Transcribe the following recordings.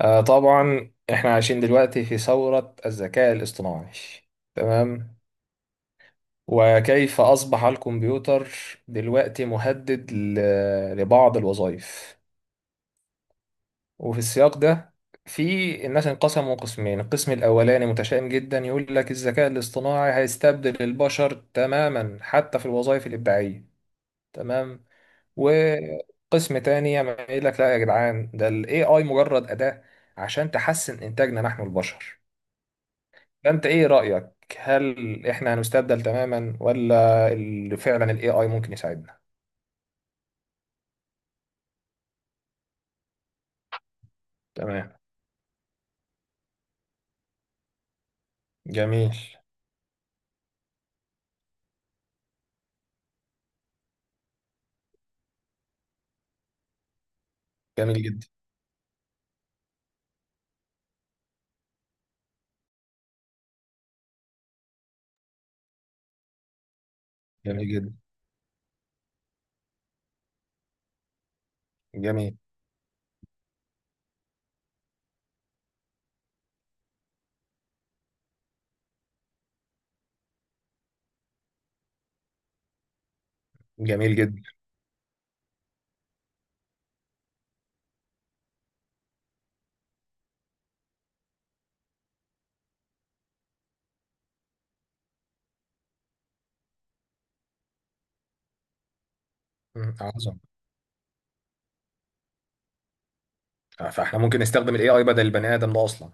آه طبعا احنا عايشين دلوقتي في ثورة الذكاء الاصطناعي. تمام. وكيف أصبح الكمبيوتر دلوقتي مهدد لبعض الوظائف. وفي السياق ده في الناس انقسموا قسمين، القسم الأولاني متشائم جدا، يقول لك الذكاء الاصطناعي هيستبدل البشر تماما حتى في الوظائف الإبداعية. تمام. وقسم تاني يعمل يقول لك لا يا جدعان، ده ال AI مجرد أداة عشان تحسن إنتاجنا نحن البشر. فانت ايه رأيك؟ هل احنا هنستبدل تماما، ولا فعلا الاي اي ممكن يساعدنا؟ تمام. جميل. جميل جدا. جميل جدا. جميل. جميل جدا. مم، عظم. فاحنا ممكن نستخدم الاي اي بدل البني ادم ده اصلا.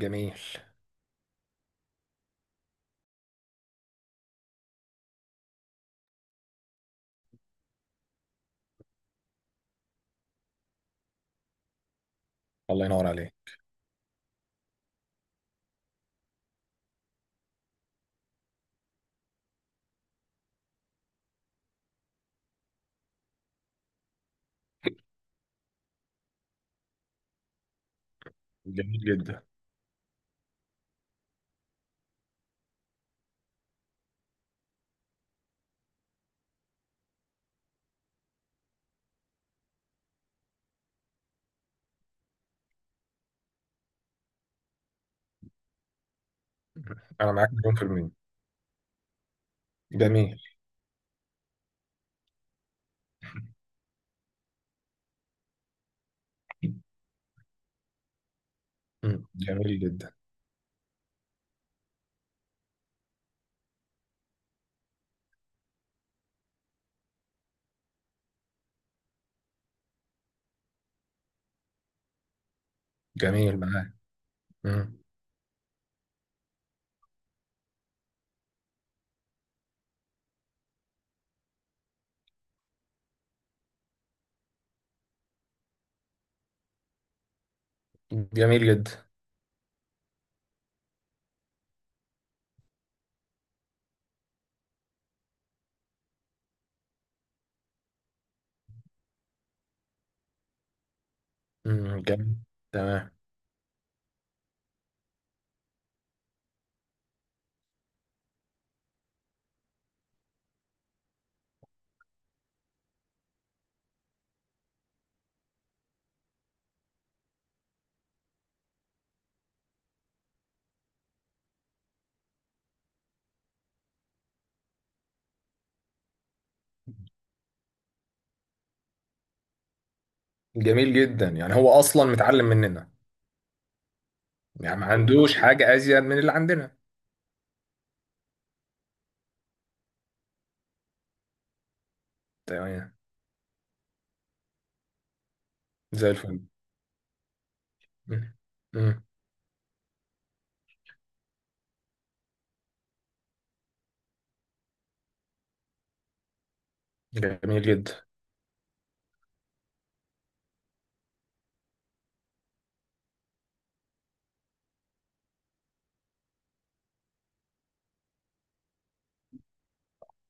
جميل. الله ينور عليك. جميل جدا. انا معاك مليون في المية. جميل. مم، جميل جدا. جميل. معاك. مم، جميل جدا. مم، جميل. تمام. جميل جدا. يعني هو اصلا متعلم مننا. يعني ما عندوش حاجة ازيد من اللي عندنا. تمام. زي الفل. مم. مم. جميل جدا.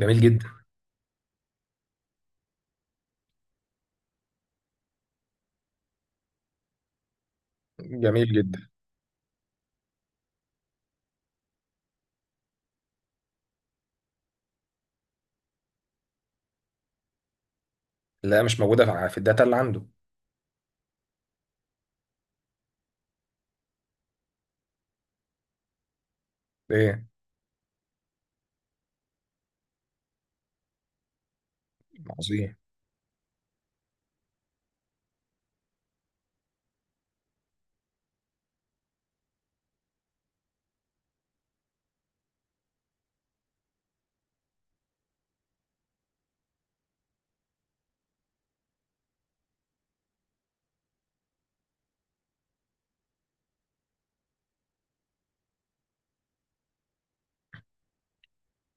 جميل جدا. جميل جدا. لا، مش موجودة في الداتا اللي عنده. ايه. عظيم.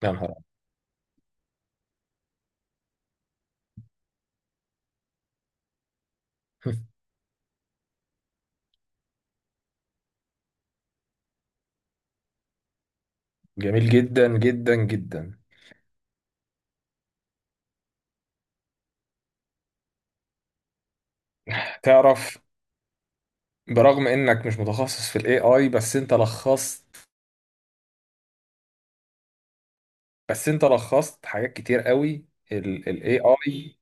يا نهار أبيض. جميل جدا جدا جدا. تعرف، برغم انك مش متخصص في الاي اي، بس انت لخصت حاجات كتير قوي. الاي اي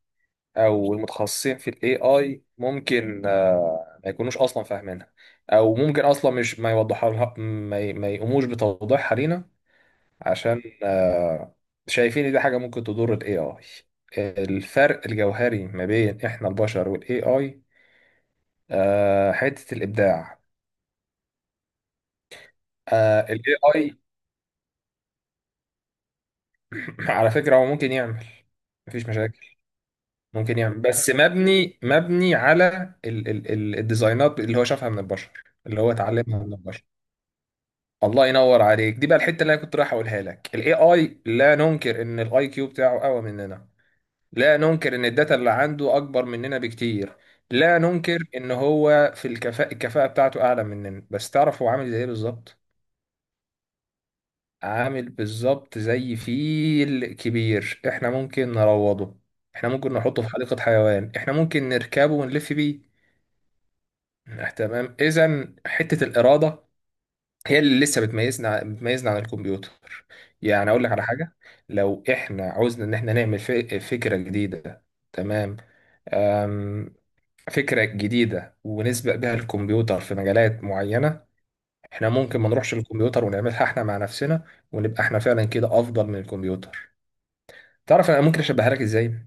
او المتخصصين في الاي اي ممكن ما يكونوش اصلا فاهمينها. او ممكن اصلا مش ما يوضحها لها، ما يقوموش بتوضيحها لينا. عشان شايفين ان دي حاجة ممكن تضر ال AI. الفرق الجوهري ما بين احنا البشر وال AI، حتة الإبداع. ال AI على فكرة هو ممكن يعمل، مفيش مشاكل. ممكن يعمل بس مبني على ال ال ال الديزاينات اللي هو شافها من البشر، اللي هو اتعلمها من البشر. الله ينور عليك. دي بقى الحتة اللي انا كنت رايح اقولها لك. ال AI لا ننكر ان الاي كيو بتاعه اقوى مننا، لا ننكر ان الداتا اللي عنده اكبر مننا بكتير، لا ننكر ان هو في الكفاءة، بتاعته اعلى مننا. بس تعرف هو عامل زي ايه بالظبط؟ عامل بالظبط زي فيل كبير. احنا ممكن نروضه، احنا ممكن نحطه في حديقة حيوان، احنا ممكن نركبه ونلف بيه. تمام، اذا حتة الإرادة هي اللي لسه بتميزنا عن الكمبيوتر. يعني اقول لك على حاجة، لو احنا عاوزنا ان احنا نعمل فكرة جديدة. تمام. فكرة جديدة ونسبق بها الكمبيوتر في مجالات معينة. احنا ممكن ما نروحش للكمبيوتر ونعملها احنا مع نفسنا، ونبقى احنا فعلا كده افضل من الكمبيوتر. تعرف انا ممكن اشبهها لك ازاي؟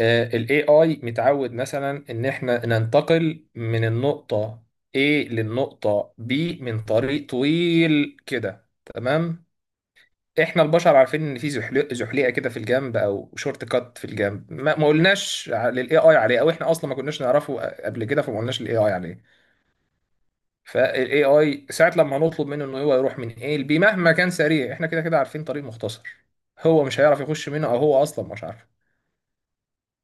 آه، ال AI متعود مثلا ان احنا ننتقل من النقطة A للنقطة B من طريق طويل كده. تمام. احنا البشر عارفين ان في زحليقه كده في الجنب، او شورت كات في الجنب، ما قلناش للاي اي عليه، او احنا اصلا ما كناش نعرفه قبل كده، فما قلناش للاي اي عليه. فالاي اي ساعه لما هنطلب منه انه هو يروح من ايه لبي، مهما كان سريع، احنا كده كده عارفين طريق مختصر. هو مش هيعرف يخش منه، او هو اصلا مش عارف.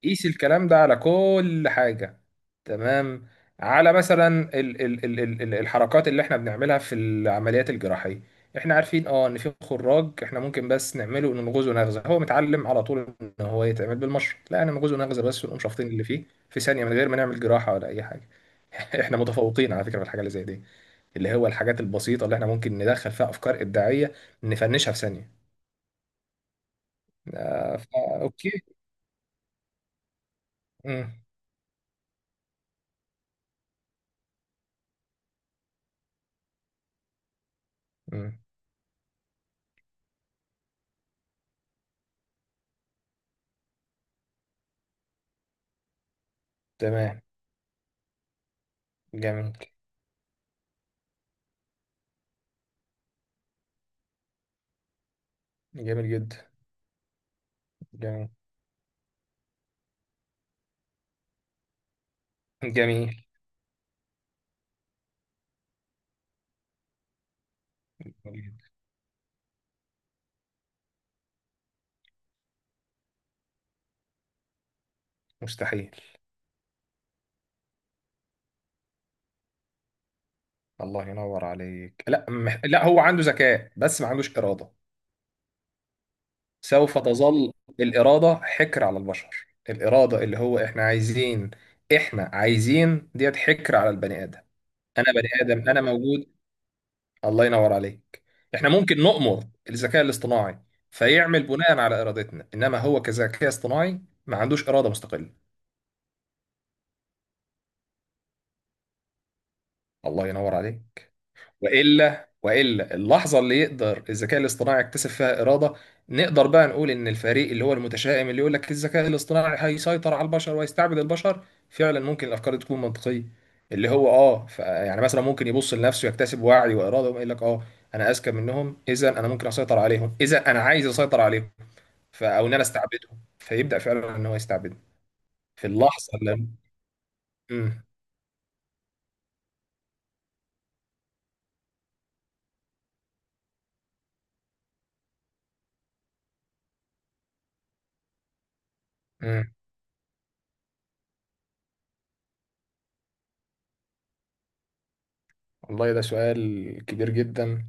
قيس الكلام ده على كل حاجه. تمام. على مثلا الحركات اللي احنا بنعملها في العمليات الجراحيه. احنا عارفين اه ان في خراج احنا ممكن بس نعمله، ننغزه نغزه. هو متعلم على طول ان هو يتعمل بالمشرط، لا انا نغزه نغزه بس، ونقوم شافطين اللي فيه في ثانيه، من غير ما نعمل جراحه ولا اي حاجه. احنا متفوقين على فكره في الحاجه اللي زي دي، اللي هو الحاجات البسيطة اللي احنا ممكن ندخل فيها أفكار إبداعية، نفنشها في ثانية. فا أوكي. مم. مم. تمام. جميل. جميل جدا. جميل. جميل. جميل. مستحيل. الله ينور عليك. لا، هو عنده ذكاء بس ما عندوش إرادة. سوف تظل الإرادة حكر على البشر. الإرادة، اللي هو احنا عايزين، احنا عايزين ديت، حكر على البني آدم. أنا بني آدم أنا موجود. الله ينور عليك. احنا ممكن نؤمر الذكاء الاصطناعي فيعمل بناء على ارادتنا، انما هو كذكاء اصطناعي ما عندوش اراده مستقله. الله ينور عليك. والا اللحظه اللي يقدر الذكاء الاصطناعي يكتسب فيها اراده، نقدر بقى نقول ان الفريق اللي هو المتشائم، اللي يقول لك الذكاء الاصطناعي هيسيطر على البشر ويستعبد البشر، فعلا ممكن الافكار دي تكون منطقيه. اللي هو اه يعني مثلا ممكن يبص لنفسه يكتسب وعي واراده، ويقول لك اه انا اذكى منهم، اذا انا ممكن اسيطر عليهم، اذا انا عايز اسيطر عليهم. او ان انا استعبده، فيبدا فعلا ان هو يستعبده في اللحظه اللي امم امم والله، ده سؤال كبير جدا.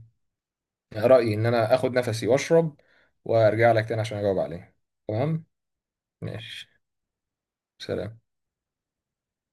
رايي ان انا اخد نفسي واشرب وارجع لك تاني عشان اجاوب عليه. تمام. ماشي. سلام.